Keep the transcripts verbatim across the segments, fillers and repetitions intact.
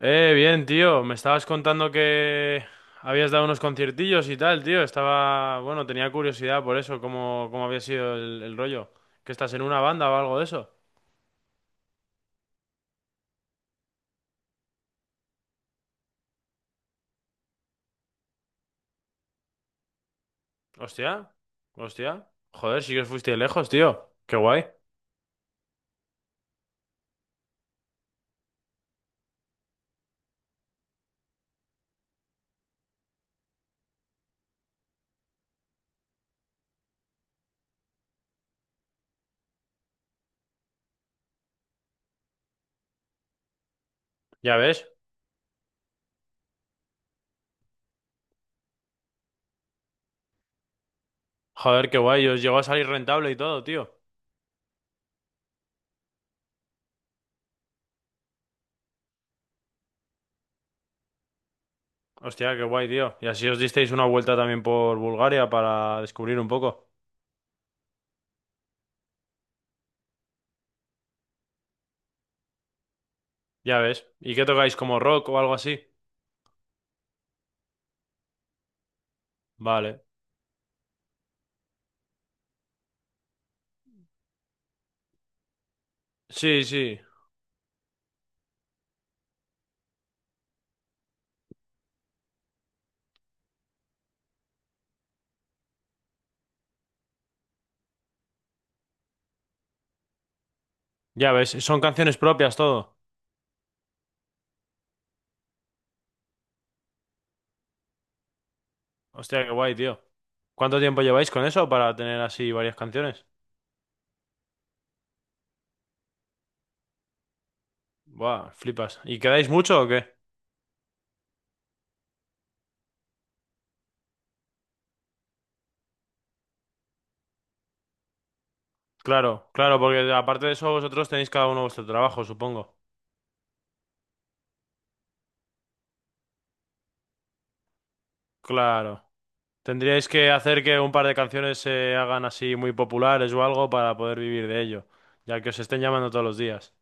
Eh, bien, tío. Me estabas contando que habías dado unos conciertillos y tal, tío. Estaba, bueno, tenía curiosidad por eso, cómo, cómo había sido el, el rollo. ¿Que estás en una banda o algo de eso? Hostia, hostia. Joder, sí que os fuiste lejos, tío. Qué guay. Ya ves. Joder, qué guay. Os llegó a salir rentable y todo, tío. Hostia, qué guay, tío. Y así os disteis una vuelta también por Bulgaria para descubrir un poco. Ya ves. ¿Y qué tocáis, como rock o algo así? Vale. Sí, sí. Ya ves. Son canciones propias todo. Hostia, qué guay, tío. ¿Cuánto tiempo lleváis con eso para tener así varias canciones? Buah, flipas. ¿Y quedáis mucho o qué? Claro, claro, porque aparte de eso vosotros tenéis cada uno vuestro trabajo, supongo. Claro. Tendríais que hacer que un par de canciones se hagan así muy populares o algo para poder vivir de ello, ya que os estén llamando todos los días.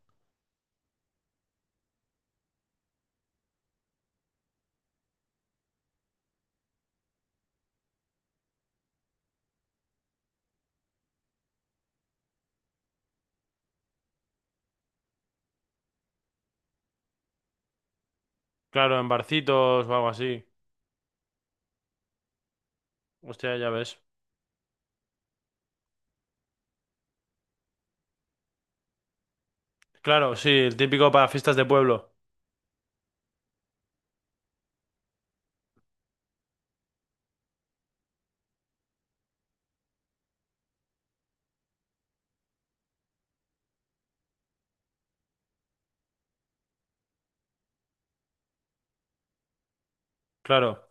Claro, en barcitos o algo así. Hostia, ya ves. Claro, sí, el típico para fiestas de pueblo. Claro,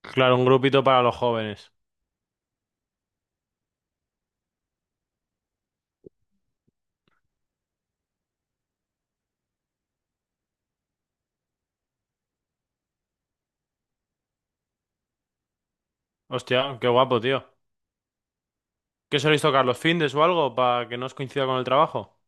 claro, un grupito para los jóvenes. Hostia, qué guapo, tío. ¿Qué soléis tocar? ¿Los findes o algo? Para que no os coincida con el trabajo.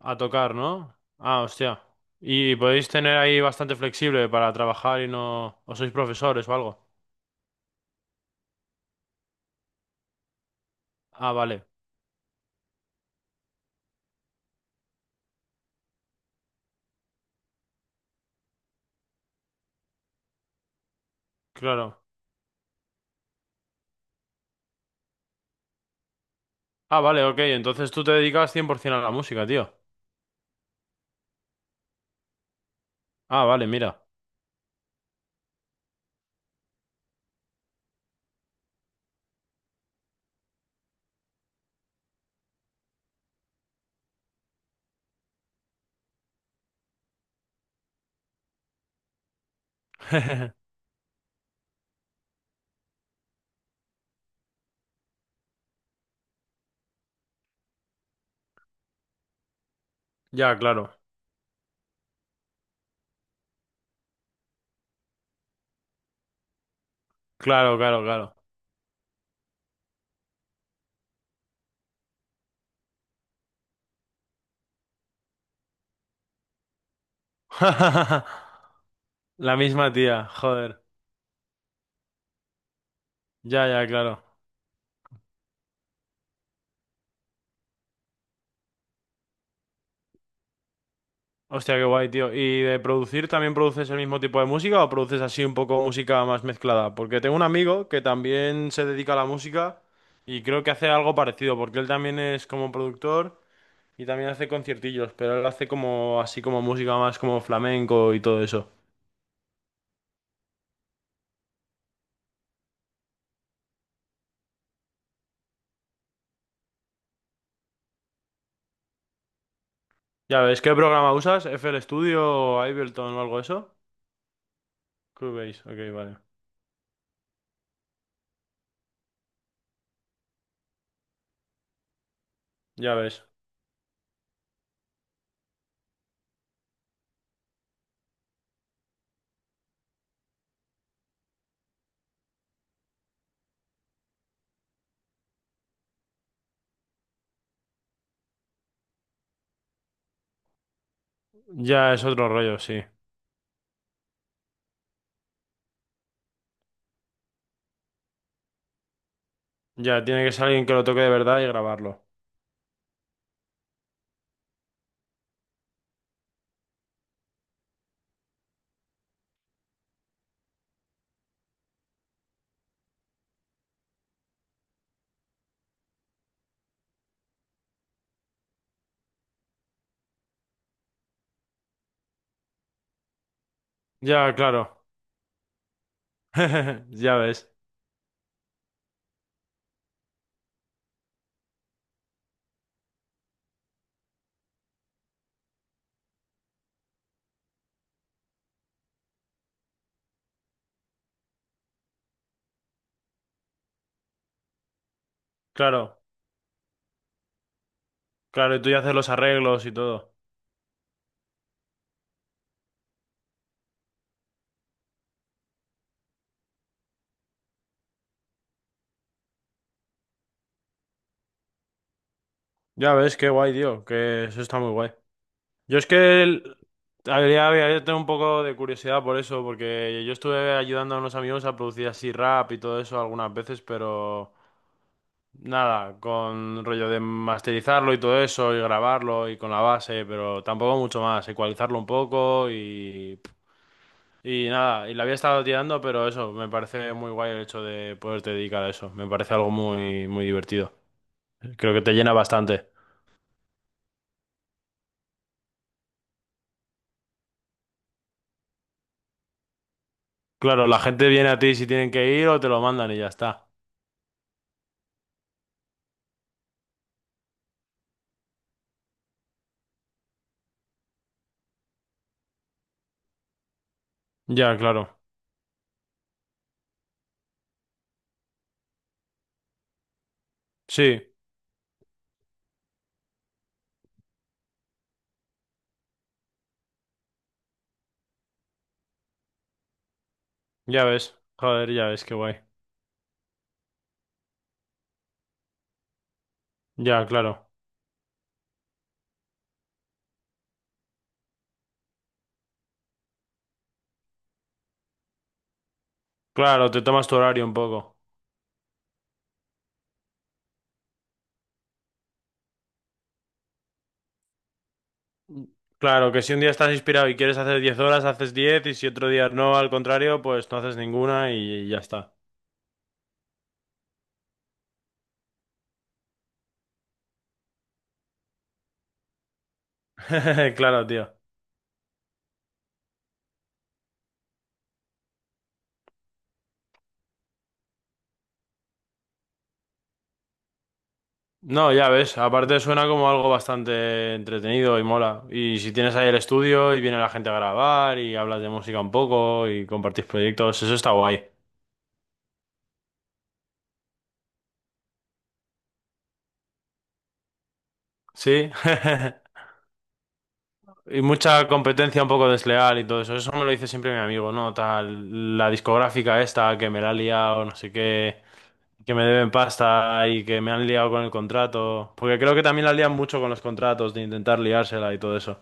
A tocar, ¿no? Ah, hostia. Y podéis tener ahí bastante flexible para trabajar y no... ¿O sois profesores o algo? Ah, vale. Claro. Ah, vale, ok. Entonces tú te dedicas cien por ciento a la música, tío. Ah, vale, mira. Ya, claro. Claro, claro, claro. La misma tía, joder. Ya, ya, claro. Hostia, qué guay, tío. ¿Y de producir también produces el mismo tipo de música o produces así un poco música más mezclada? Porque tengo un amigo que también se dedica a la música y creo que hace algo parecido, porque él también es como productor y también hace conciertillos, pero él hace como así como música más como flamenco y todo eso. Ya ves, ¿qué programa usas? ¿F L Studio o Ableton o algo de eso? Cubase, ok, vale. Ya ves. Ya es otro rollo, sí. Ya, tiene que ser alguien que lo toque de verdad y grabarlo. Ya, claro. Ya ves. Claro. Claro, y tú ya haces los arreglos y todo. Ya ves, qué guay, tío, que eso está muy guay. Yo es que el- habría, habría tenido un poco de curiosidad por eso, porque yo estuve ayudando a unos amigos a producir así rap y todo eso algunas veces, pero nada, con rollo de masterizarlo y todo eso, y grabarlo y con la base, pero tampoco mucho más, ecualizarlo un poco y, y nada, y la había estado tirando, pero eso, me parece muy guay el hecho de poderte dedicar a eso, me parece algo muy, muy divertido. Creo que te llena bastante. Claro, la gente viene a ti si tienen que ir o te lo mandan y ya está. Ya, claro. Sí, ya ves. Joder, ya ves, qué guay. Ya, claro. Claro, te tomas tu horario un poco. Claro, que si un día estás inspirado y quieres hacer diez horas, haces diez y si otro día no, al contrario, pues no haces ninguna y ya está. Claro, tío. No, ya ves, aparte suena como algo bastante entretenido y mola. Y si tienes ahí el estudio y viene la gente a grabar y hablas de música un poco y compartís proyectos, eso está guay. Sí. Y mucha competencia un poco desleal y todo eso. Eso me lo dice siempre mi amigo, ¿no? Tal, la discográfica esta que me la ha liado, no sé qué, que me deben pasta y que me han liado con el contrato. Porque creo que también la lían mucho con los contratos, de intentar liársela y todo eso.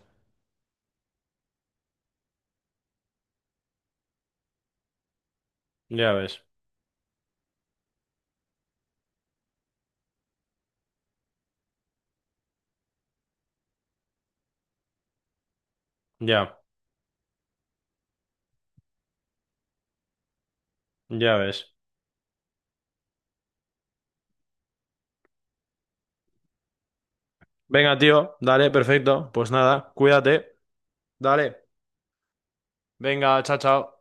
Ya ves, ya, ya ves. Venga, tío, dale, perfecto. Pues nada, cuídate, dale. Venga, chao, chao.